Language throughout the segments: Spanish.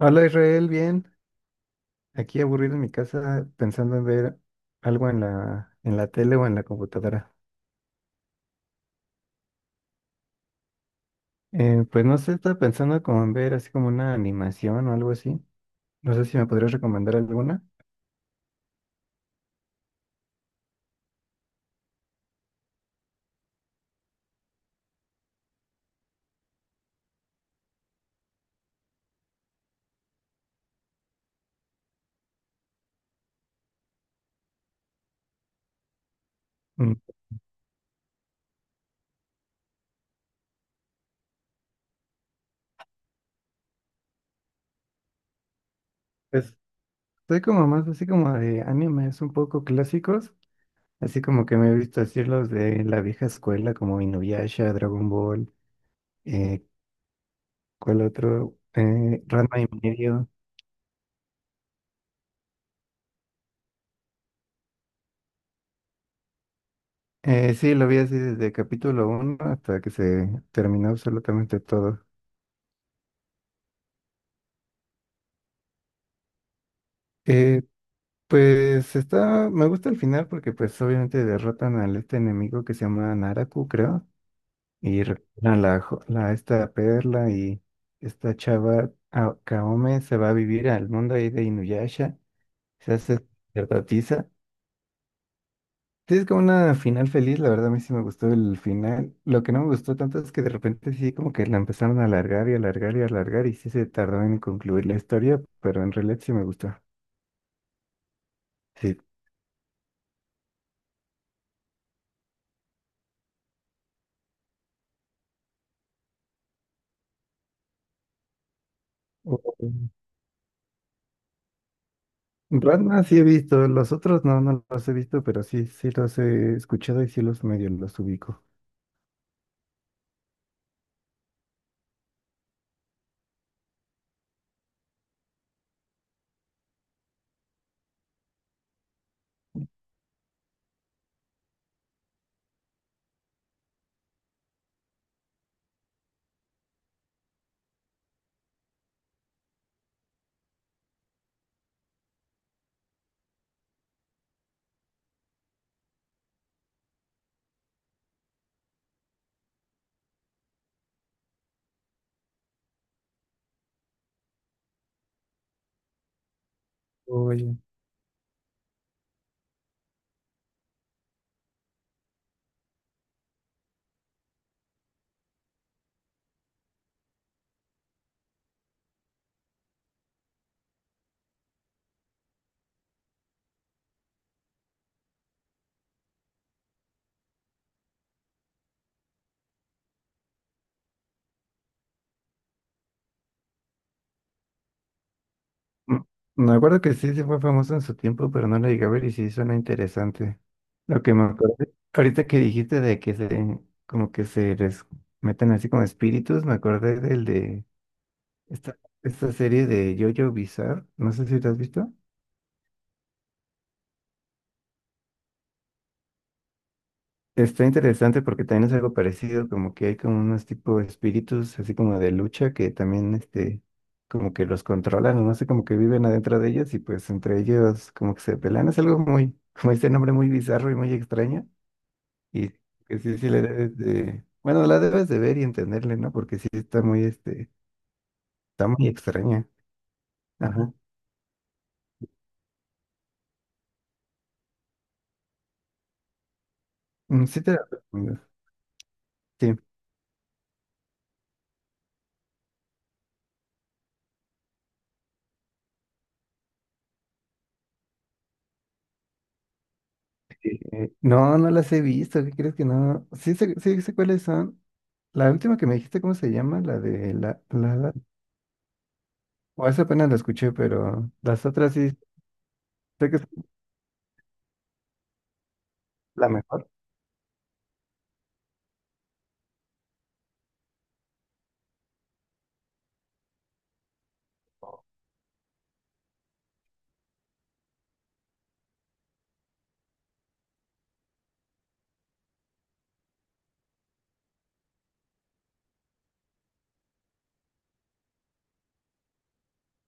Hola Israel, bien. Aquí aburrido en mi casa pensando en ver algo en la tele o en la computadora. Pues no sé, estaba pensando como en ver así como una animación o algo así. No sé si me podrías recomendar alguna. Mm, pues estoy como más así como de animes un poco clásicos. Así como que me he visto así los de la vieja escuela como Inuyasha, Dragon Ball, eh, ¿cuál otro? Ranma y medio. Sí, lo vi así desde capítulo uno hasta que se terminó absolutamente todo. Eh, pues está, me gusta el final porque pues obviamente derrotan al este enemigo que se llama Naraku, creo, y recuperan la esta perla y esta chava Kaome se va a vivir al mundo ahí de Inuyasha, se hace sacerdotisa. Sí, es como una final feliz, la verdad a mí sí me gustó el final. Lo que no me gustó tanto es que de repente sí como que la empezaron a alargar y alargar y alargar y sí se tardó en concluir la historia, pero en realidad sí me gustó. Sí. Oh. Ranma sí he visto, los otros no, no los he visto, pero sí, sí los he escuchado y sí los medio los ubico. Oye. Mm, me acuerdo que sí, sí fue famoso en su tiempo, pero no la llegué a ver y sí suena interesante. Lo que me acuerdo, ahorita que dijiste de que se, como que se les meten así como espíritus, me acordé del de esta serie de JoJo Bizarre, no sé si lo has visto. Está interesante porque también es algo parecido, como que hay como unos tipo de espíritus así como de lucha que también este, como que los controlan, o no sé, como que viven adentro de ellos y pues entre ellos como que se pelean, es algo muy, como dice el nombre, muy bizarro y muy extraño. Y que sí, sí le debes de... Bueno, la debes de ver y entenderle, ¿no? Porque sí está muy, este, está muy extraña. Ajá. Mm, sí te la recomiendo. Sí. No, no las he visto. ¿Qué crees que no? Sí sé cuáles son. La última que me dijiste, ¿cómo se llama? La O esa apenas la escuché, pero las otras sí sé que es la mejor.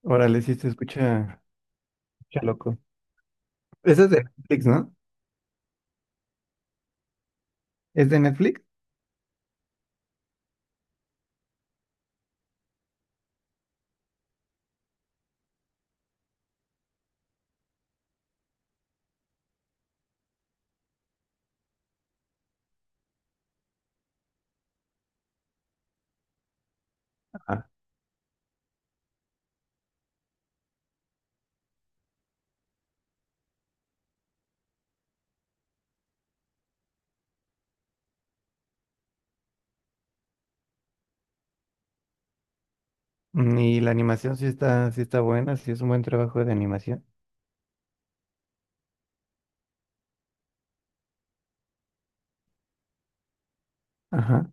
Órale, sí se escucha, escucha loco. Esa es de Netflix, ¿no? ¿Es de Netflix? Ajá. Mm, y la animación sí está buena, sí es un buen trabajo de animación. Ajá.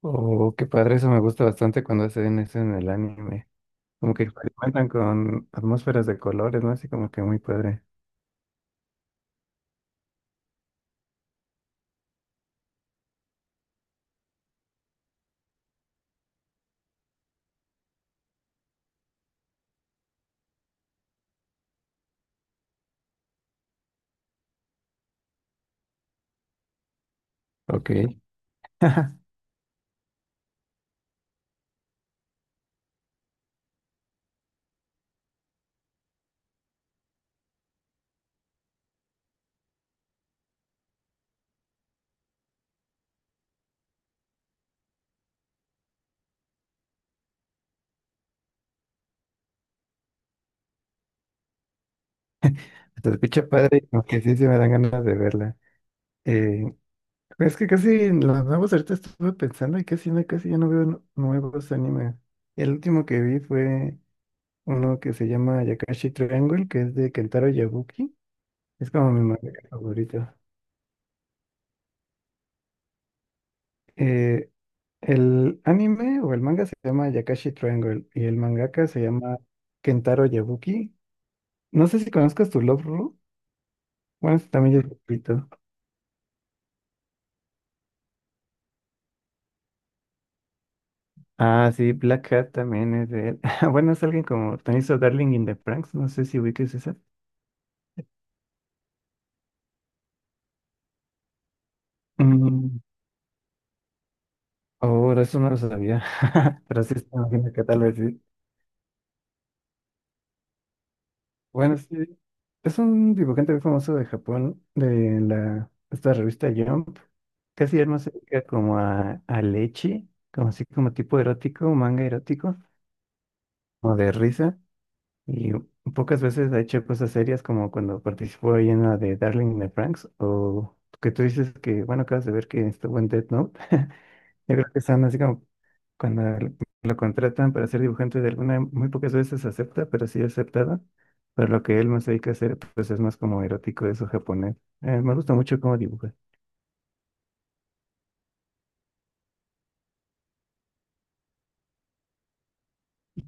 Oh, qué padre, eso me gusta bastante cuando hacen eso en el anime. Como que experimentan con atmósferas de colores, ¿no? Así como que muy padre. Ok. Se escucha padre, como que sí se me dan ganas de verla. Eh, es que casi en los nuevos ahorita estuve pensando y casi no, casi ya no veo nuevos animes. El último que vi fue uno que se llama Yakashi Triangle, que es de Kentaro Yabuki. Es como mi manga favorito. Eh, El anime o el manga se llama Yakashi Triangle y el mangaka se llama Kentaro Yabuki. No sé si conozcas tu Love Ru. Bueno, ese también es repito. Ah, sí, Black Hat también es de él. Bueno, es alguien como también hizo Darling in the Franxx. No sé si ubicas esa. Mm, oh, de eso no lo sabía. Pero sí, sí, me imagino que tal vez sí. Bueno, sí, es un dibujante muy famoso de Japón, de la, esta revista Jump. Casi él más se dedica como a leche, como así como tipo erótico, manga erótico, o de risa. Y pocas veces ha hecho cosas serias como cuando participó ahí en la de Darling in the Franxx, o que tú dices que, bueno, acabas de ver que estuvo en Death Note. Yo creo que son así como cuando lo contratan para ser dibujante de alguna, muy pocas veces acepta, pero sí aceptado. Pero lo que él más se dedica a hacer, pues es más como erótico eso japonés. Me gusta mucho cómo dibuja.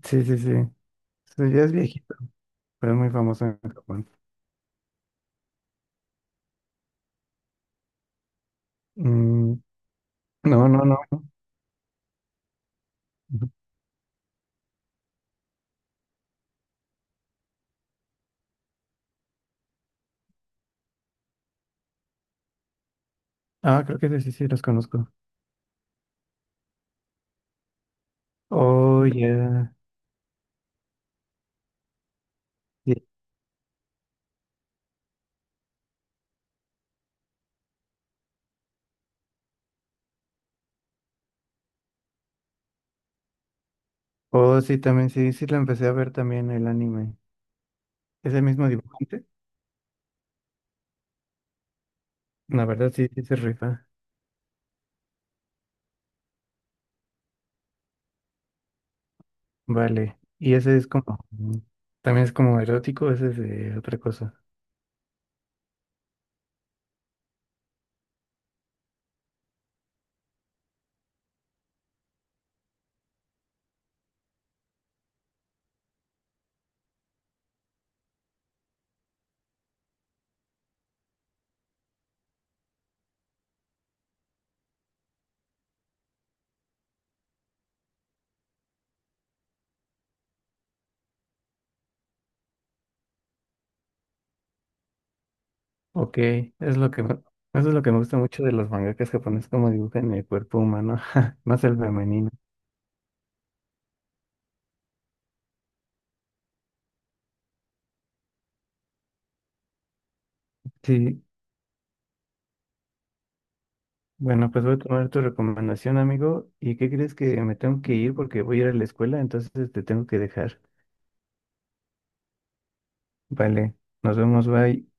Sí, sí, sí. Sí, ya es viejito, pero es muy famoso en Japón. Mm, no, no, no. Ujú. Ah, creo que sí, sí, sí, los conozco. Oh, ya. Sí. Oh, sí, también, sí, sí, lo empecé a ver también el anime. ¿Es el mismo dibujante? La verdad, sí, sí, se rifa. Vale. Y ese es como, mm, también es como erótico, ese es de otra cosa. Ok, es lo que, eso es lo que me gusta mucho de los mangakas japoneses, como dibujan el cuerpo humano, más el femenino. Sí, bueno, pues voy a tomar tu recomendación, amigo. ¿Y qué crees que me tengo que ir porque voy a ir a la escuela, entonces te tengo que dejar. Vale, nos vemos, bye.